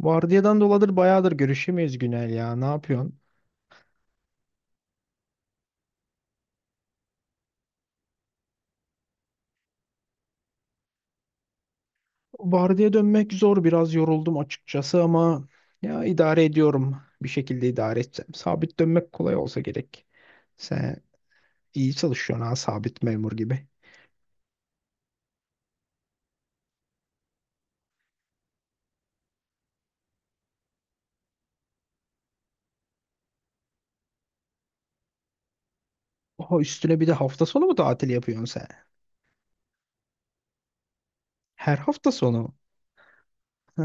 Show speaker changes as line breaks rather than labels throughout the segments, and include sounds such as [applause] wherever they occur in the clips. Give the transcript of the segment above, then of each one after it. Vardiyadan doladır bayağıdır görüşemeyiz Günel ya. Ne yapıyorsun? Vardiya dönmek zor. Biraz yoruldum açıkçası ama ya idare ediyorum. Bir şekilde idare edeceğim. Sabit dönmek kolay olsa gerek. Sen iyi çalışıyorsun ha, sabit memur gibi. Oha, üstüne bir de hafta sonu mu tatil yapıyorsun sen? Her hafta sonu. Ha,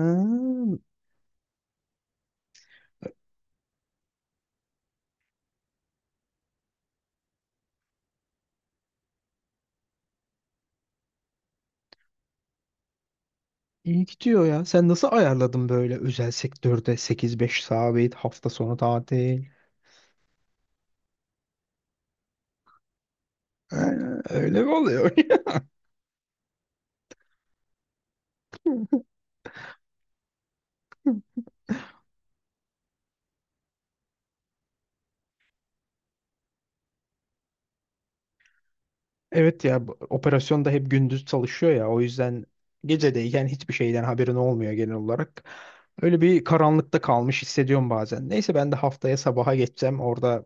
iyi gidiyor ya. Sen nasıl ayarladın böyle özel sektörde 8-5 sabit hafta sonu tatil? Ha, öyle mi oluyor? [laughs] Evet ya, operasyon da hep gündüz çalışıyor ya, o yüzden gecedeyken hiçbir şeyden haberin olmuyor genel olarak. Öyle bir karanlıkta kalmış hissediyorum bazen. Neyse, ben de haftaya sabaha geçeceğim, orada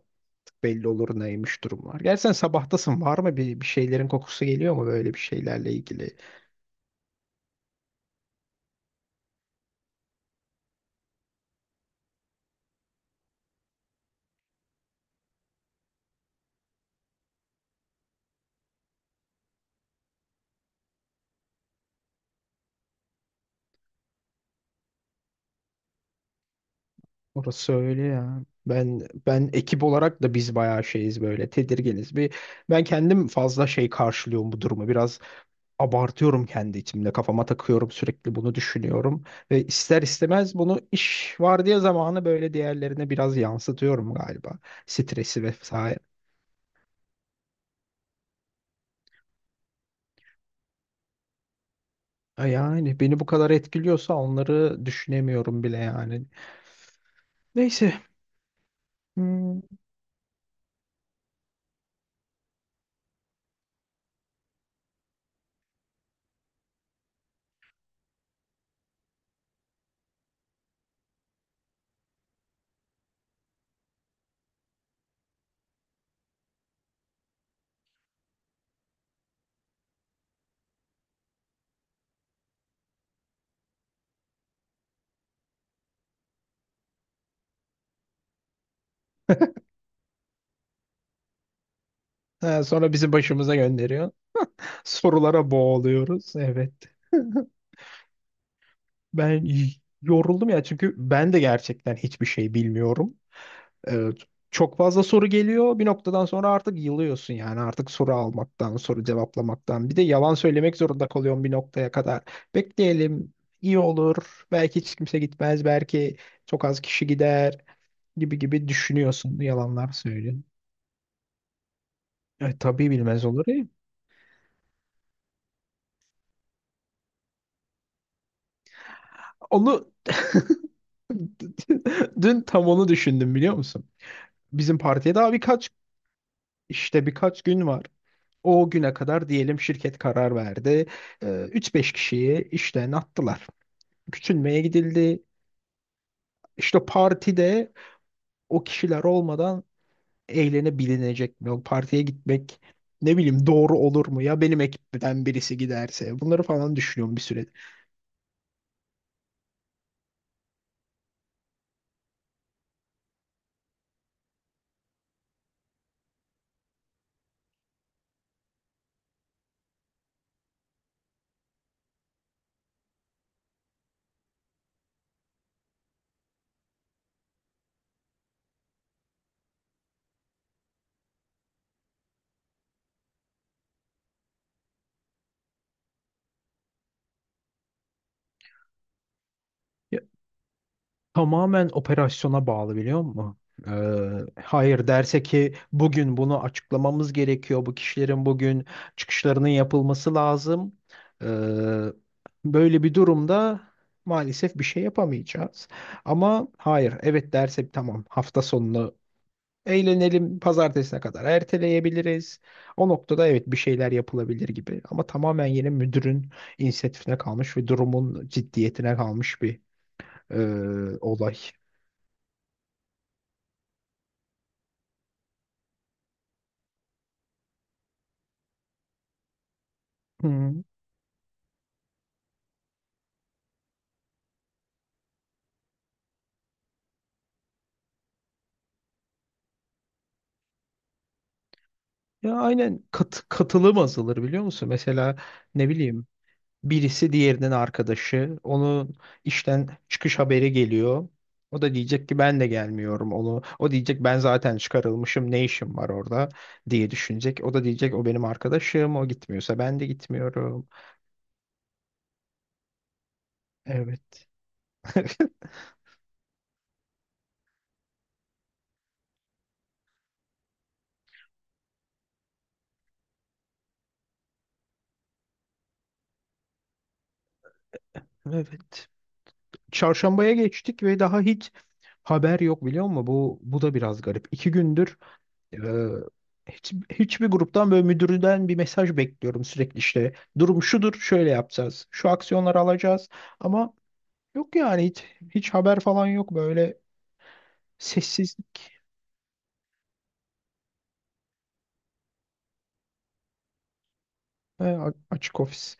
belli olur neymiş durumlar. Gerçi sen sabahtasın, var mı bir şeylerin kokusu geliyor mu böyle bir şeylerle ilgili? Orası öyle ya. Ben ekip olarak da biz bayağı şeyiz, böyle tedirginiz. Bir ben kendim fazla şey karşılıyorum bu durumu. Biraz abartıyorum kendi içimde. Kafama takıyorum, sürekli bunu düşünüyorum. Ve ister istemez bunu iş vardiya zamanı böyle diğerlerine biraz yansıtıyorum galiba. Stresi vesaire. Yani beni bu kadar etkiliyorsa onları düşünemiyorum bile yani. Neyse. Hmm. Ha, sonra bizi başımıza gönderiyor. Sorulara boğuluyoruz. Evet. [laughs] Ben y- yoruldum ya, çünkü ben de gerçekten hiçbir şey bilmiyorum. Evet. Çok fazla soru geliyor. Bir noktadan sonra artık yılıyorsun yani. Artık soru almaktan, soru cevaplamaktan. Bir de yalan söylemek zorunda kalıyorsun bir noktaya kadar. Bekleyelim, iyi olur. Belki hiç kimse gitmez. Belki çok az kişi gider gibi gibi düşünüyorsun. Yalanlar söylüyorsun. E, tabii bilmez olur ya. Onu [laughs] dün tam onu düşündüm biliyor musun? Bizim partiye daha işte birkaç gün var. O güne kadar diyelim şirket karar verdi. Ee, 3-5 kişiyi işten attılar. Küçülmeye gidildi. İşte partide o kişiler olmadan eğlenebilinecek mi? O partiye gitmek, ne bileyim, doğru olur mu? Ya benim ekipten birisi giderse? Bunları falan düşünüyorum bir süredir. Tamamen operasyona bağlı biliyor musun? Hayır derse ki bugün bunu açıklamamız gerekiyor. Bu kişilerin bugün çıkışlarının yapılması lazım. Ee, böyle bir durumda maalesef bir şey yapamayacağız. Ama hayır evet derse, tamam, hafta sonunu eğlenelim, pazartesine kadar erteleyebiliriz. O noktada evet, bir şeyler yapılabilir gibi. Ama tamamen yine müdürün inisiyatifine kalmış ve durumun ciddiyetine kalmış bir olay. Hı. Ya aynen, katılım azalır biliyor musun? Mesela ne bileyim birisi diğerinin arkadaşı, onun işten çıkış haberi geliyor. O da diyecek ki ben de gelmiyorum onu. O diyecek ben zaten çıkarılmışım, ne işim var orada diye düşünecek. O da diyecek o benim arkadaşım, o gitmiyorsa ben de gitmiyorum. Evet. Evet. Çarşambaya geçtik ve daha hiç haber yok biliyor musun? Bu da biraz garip. İki gündür Ee, hiçbir gruptan böyle müdürden bir mesaj bekliyorum sürekli işte. Durum şudur, şöyle yapacağız. Şu aksiyonları alacağız. Ama yok yani hiç haber falan yok böyle sessizlik. He, açık ofis.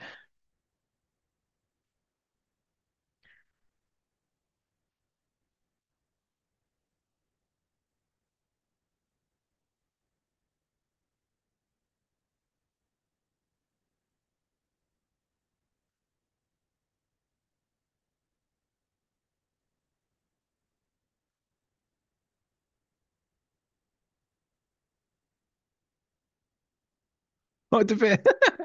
[laughs] Hadi be. [laughs]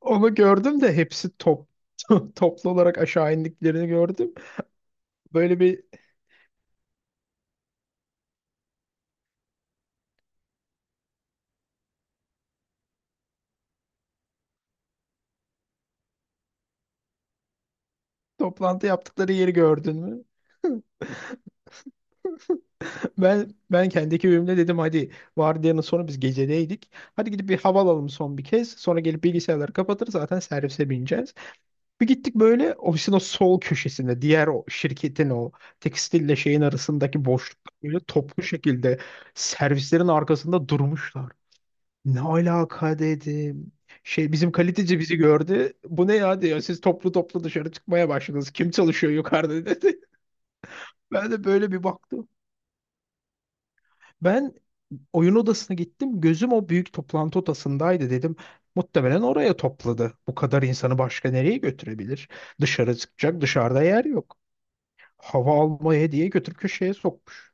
Onu gördüm de hepsi top [laughs] toplu olarak aşağı indiklerini gördüm. Böyle bir toplantı yaptıkları yeri gördün mü? [laughs] Ben kendi ekibimle dedim hadi, vardiyanın sonu biz gecedeydik. Hadi gidip bir hava alalım son bir kez. Sonra gelip bilgisayarları kapatır zaten, servise bineceğiz. Bir gittik böyle ofisin o sol köşesinde, diğer o şirketin o tekstille şeyin arasındaki boşlukta böyle toplu şekilde servislerin arkasında durmuşlar. Ne alaka dedim. Şey, bizim kaliteci bizi gördü. Bu ne ya diyor. Siz toplu toplu dışarı çıkmaya başladınız. Kim çalışıyor yukarıda dedi. [laughs] Ben de böyle bir baktım. Ben oyun odasına gittim. Gözüm o büyük toplantı odasındaydı dedim. Muhtemelen oraya topladı. Bu kadar insanı başka nereye götürebilir? Dışarı çıkacak, dışarıda yer yok. Hava almaya diye götür köşeye sokmuş.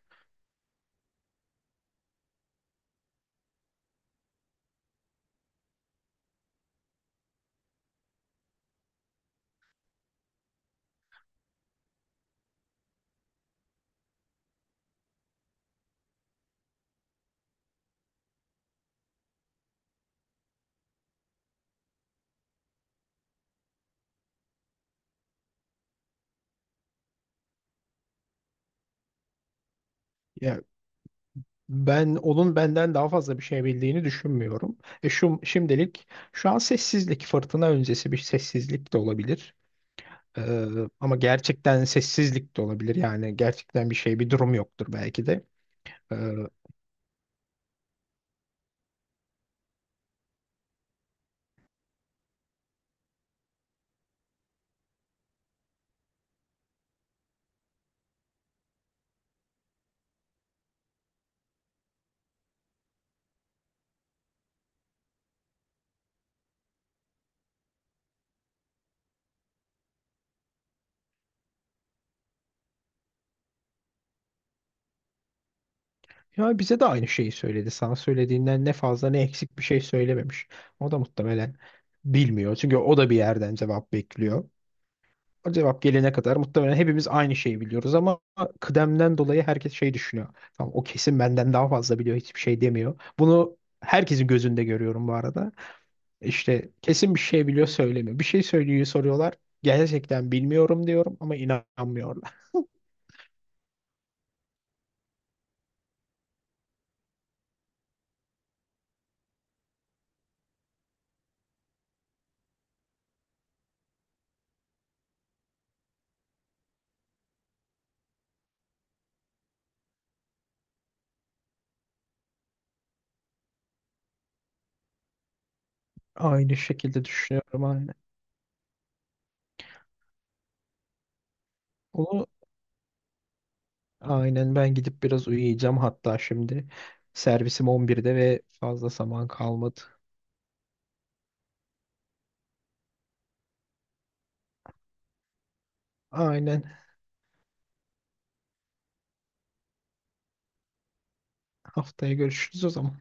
Ya ben onun benden daha fazla bir şey bildiğini düşünmüyorum. E şu şimdilik, şu an sessizlik, fırtına öncesi bir sessizlik de olabilir. Ee, ama gerçekten sessizlik de olabilir. Yani gerçekten bir şey, bir durum yoktur belki de. Ee, Ya bize de aynı şeyi söyledi. Sana söylediğinden ne fazla ne eksik bir şey söylememiş. O da muhtemelen bilmiyor. Çünkü o da bir yerden cevap bekliyor. O cevap gelene kadar muhtemelen hepimiz aynı şeyi biliyoruz ama kıdemden dolayı herkes şey düşünüyor. Tamam, o kesin benden daha fazla biliyor, hiçbir şey demiyor. Bunu herkesin gözünde görüyorum bu arada. İşte kesin bir şey biliyor, söylemiyor. Bir şey söylüyor, soruyorlar. Gerçekten bilmiyorum diyorum ama inanmıyorlar. Aynı şekilde düşünüyorum aynen. Onu aynen, ben gidip biraz uyuyacağım hatta şimdi. Servisim 11'de ve fazla zaman kalmadı. Aynen. Haftaya görüşürüz o zaman.